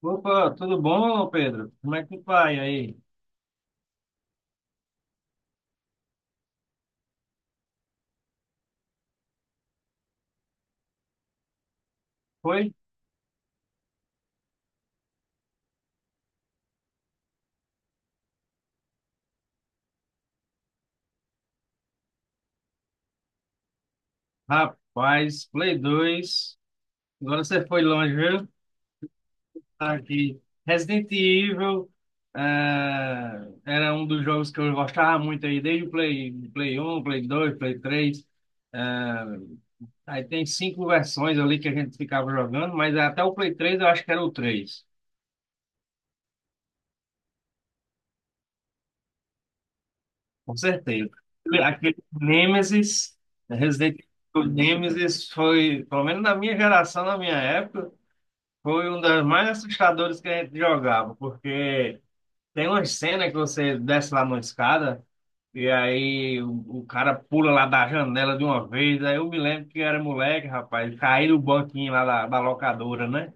Opa, tudo bom, Pedro? Como é que vai aí? Foi? Rapaz, Play 2. Agora você foi longe, viu? Tá aqui. Resident Evil eh, era um dos jogos que eu gostava muito aí, desde o Play 1, Play 2, Play 3. Eh, aí tem cinco versões ali que a gente ficava jogando, mas até o Play 3 eu acho que era o 3. Com certeza. Aquele Nemesis, né? Resident Evil Nemesis foi, pelo menos na minha geração, na minha época, foi um das mais assustadoras que a gente jogava, porque tem uma cena que você desce lá numa escada e aí o cara pula lá da janela de uma vez. Aí eu me lembro que eu era moleque, rapaz, caí no banquinho lá da locadora, né?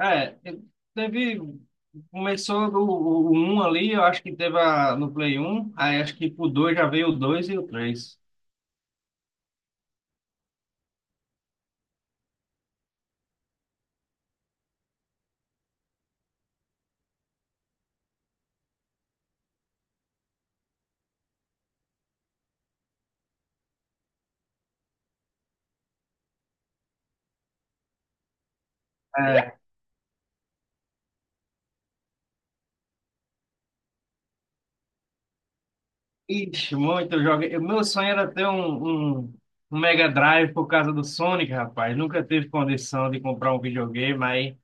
É, teve. Começou o 1 ali, eu acho que teve a, no Play um, aí acho que pro dois já veio o 2 e o três. É, ixi, muito jogo. Meu sonho era ter um Mega Drive por causa do Sonic, rapaz. Nunca teve condição de comprar um videogame, aí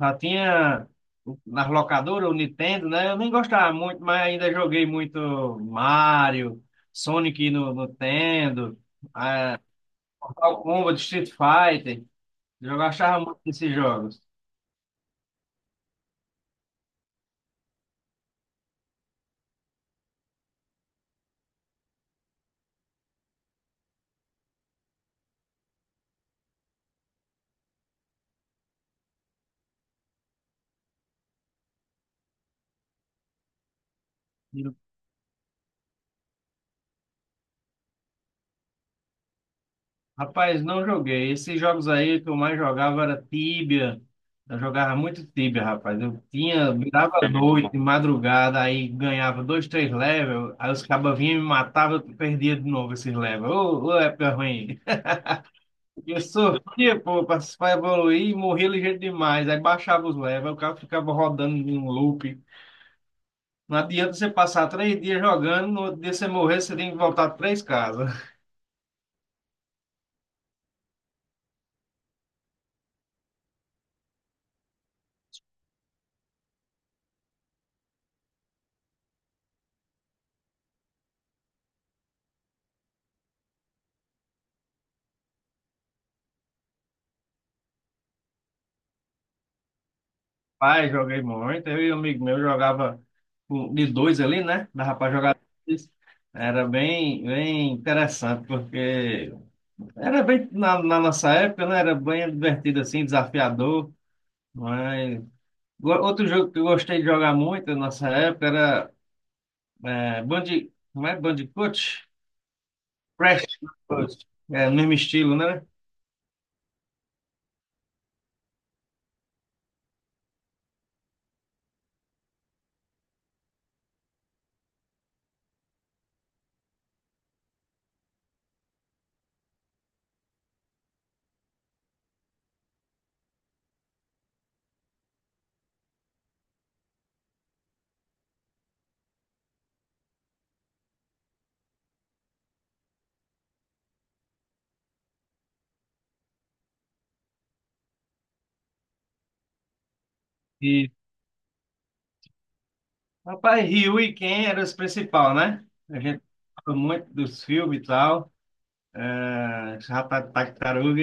já tinha nas locadoras, o Nintendo, né? Eu nem gostava muito, mas ainda joguei muito Mario, Sonic no Nintendo, ah, Mortal Kombat, Street Fighter. Eu achava muito desses jogos. E, Rapaz, não joguei. Esses jogos aí que eu mais jogava era Tibia. Eu jogava muito Tibia, rapaz. Eu tinha, virava é muito noite, bom, madrugada, aí ganhava dois, três levels, aí os cabas vinham e me matavam, eu perdia de novo esses levels. Ô, ô, época ruim. Eu sofria, pô, pra evoluir e morria ligeiro demais. Aí baixava os levels, o cara ficava rodando em um loop. Não adianta você passar três dias jogando, no outro dia você morrer, você tem que voltar três casas. Pai, joguei muito. Eu e um amigo meu jogava de dois ali, né? Dava pra jogar dois. Era bem, bem interessante, porque era bem, na nossa época, né? Era bem divertido assim, desafiador. Mas outro jogo que eu gostei de jogar muito na nossa época era Como é? Bandicoot? Crash. Bandicoot. É, no mesmo estilo, né? E, rapaz, Ryu e Ken eram os principais, né? A gente gostava muito dos filmes e tal. É, rapaz, tartaruga.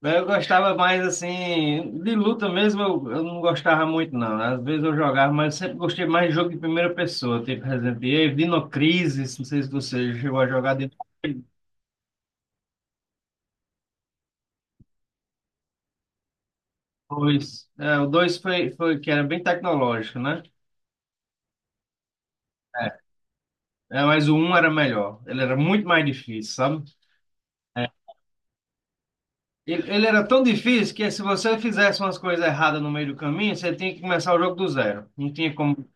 Mas eu gostava mais assim, de luta mesmo, eu não gostava muito, não, né? Às vezes eu jogava, mas eu sempre gostei mais de jogo de primeira pessoa, tipo Resident Evil, Dino Crisis, não sei se você chegou a jogar Dino Crisis 2. É, o dois foi que era bem tecnológico, né? É, é, mas o um era melhor. Ele era muito mais difícil, sabe? É. Ele era tão difícil que se você fizesse umas coisas erradas no meio do caminho, você tinha que começar o jogo do zero. Não tinha como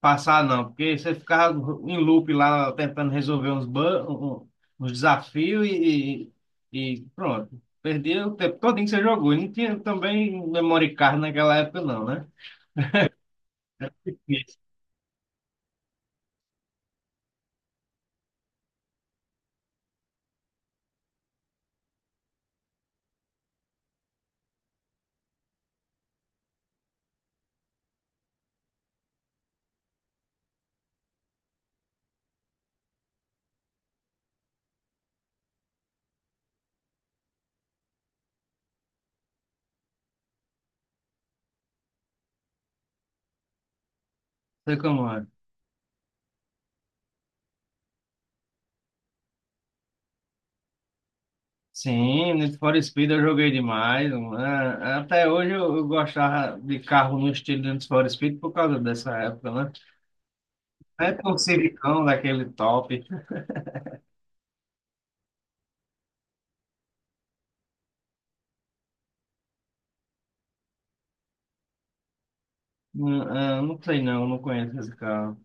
passar não, porque você ficava em loop lá tentando resolver uns, ban- um- um, uns desafios e pronto. Perdia o tempo todinho que você jogou. E não tinha também memory card naquela época, não, né? Isso. Sei como é. Sim, Need for Speed eu joguei demais, mano. É, é, até hoje eu gostava de carro no estilo de Need for Speed por causa dessa época, né? É um Civicão daquele top. Não sei não, não conheço esse carro.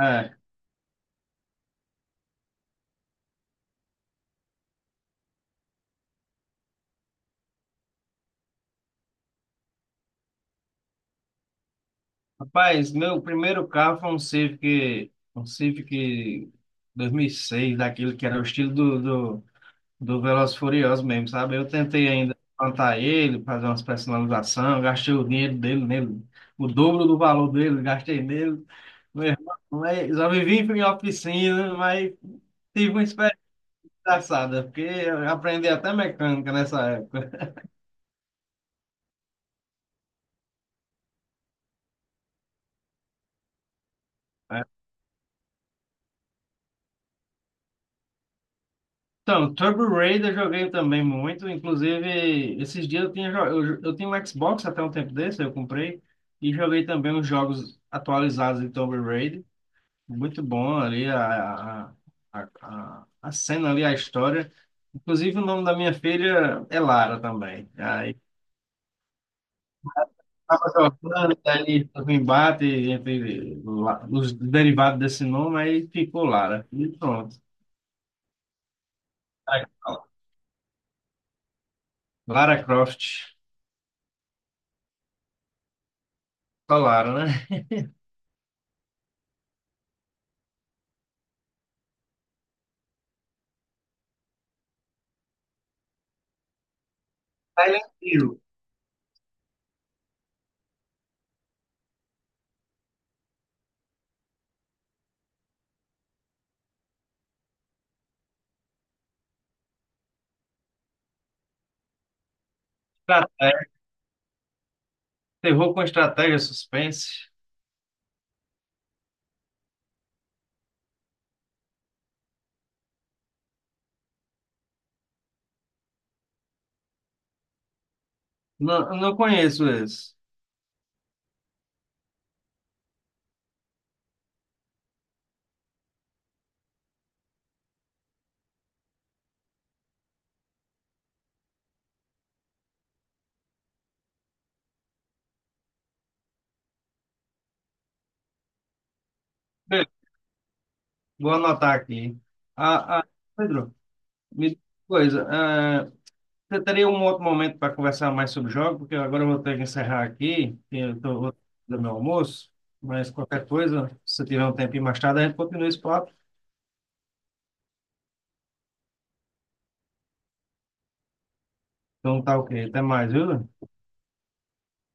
É. Rapaz, meu primeiro carro foi um Civic 2006, daquele que era o estilo do Velozes e Furiosos mesmo, sabe? Eu tentei ainda plantar ele, fazer umas personalizações, gastei o dinheiro dele nele, o dobro do valor dele, gastei nele. Meu irmão, mas já vivi em oficina, mas tive uma experiência engraçada, porque eu aprendi até mecânica nessa época. Então, Turbo Raider eu joguei também muito. Inclusive, esses dias eu tinha, eu tinha um Xbox até um tempo desse, eu comprei. E joguei também os jogos atualizados de Turbo Raider. Muito bom ali a cena ali, a história. Inclusive, o nome da minha filha é Lara também. Aí, tava jogando, daí teve um embate entre os derivados desse nome, aí ficou Lara. E pronto. Aí, Lara Croft. Só Lara, né? Silent Hill. Estratégia, terror com estratégia, suspense. Não, eu não conheço esse. Beleza, vou anotar aqui. Ah, ah, Pedro, me diz uma coisa. Você teria um outro momento para conversar mais sobre jogos? Porque agora eu vou ter que encerrar aqui, que eu tô, vou fazer meu almoço. Mas qualquer coisa, se você tiver um tempinho mais tarde, a gente continua esse papo. Então tá ok. Até mais, viu?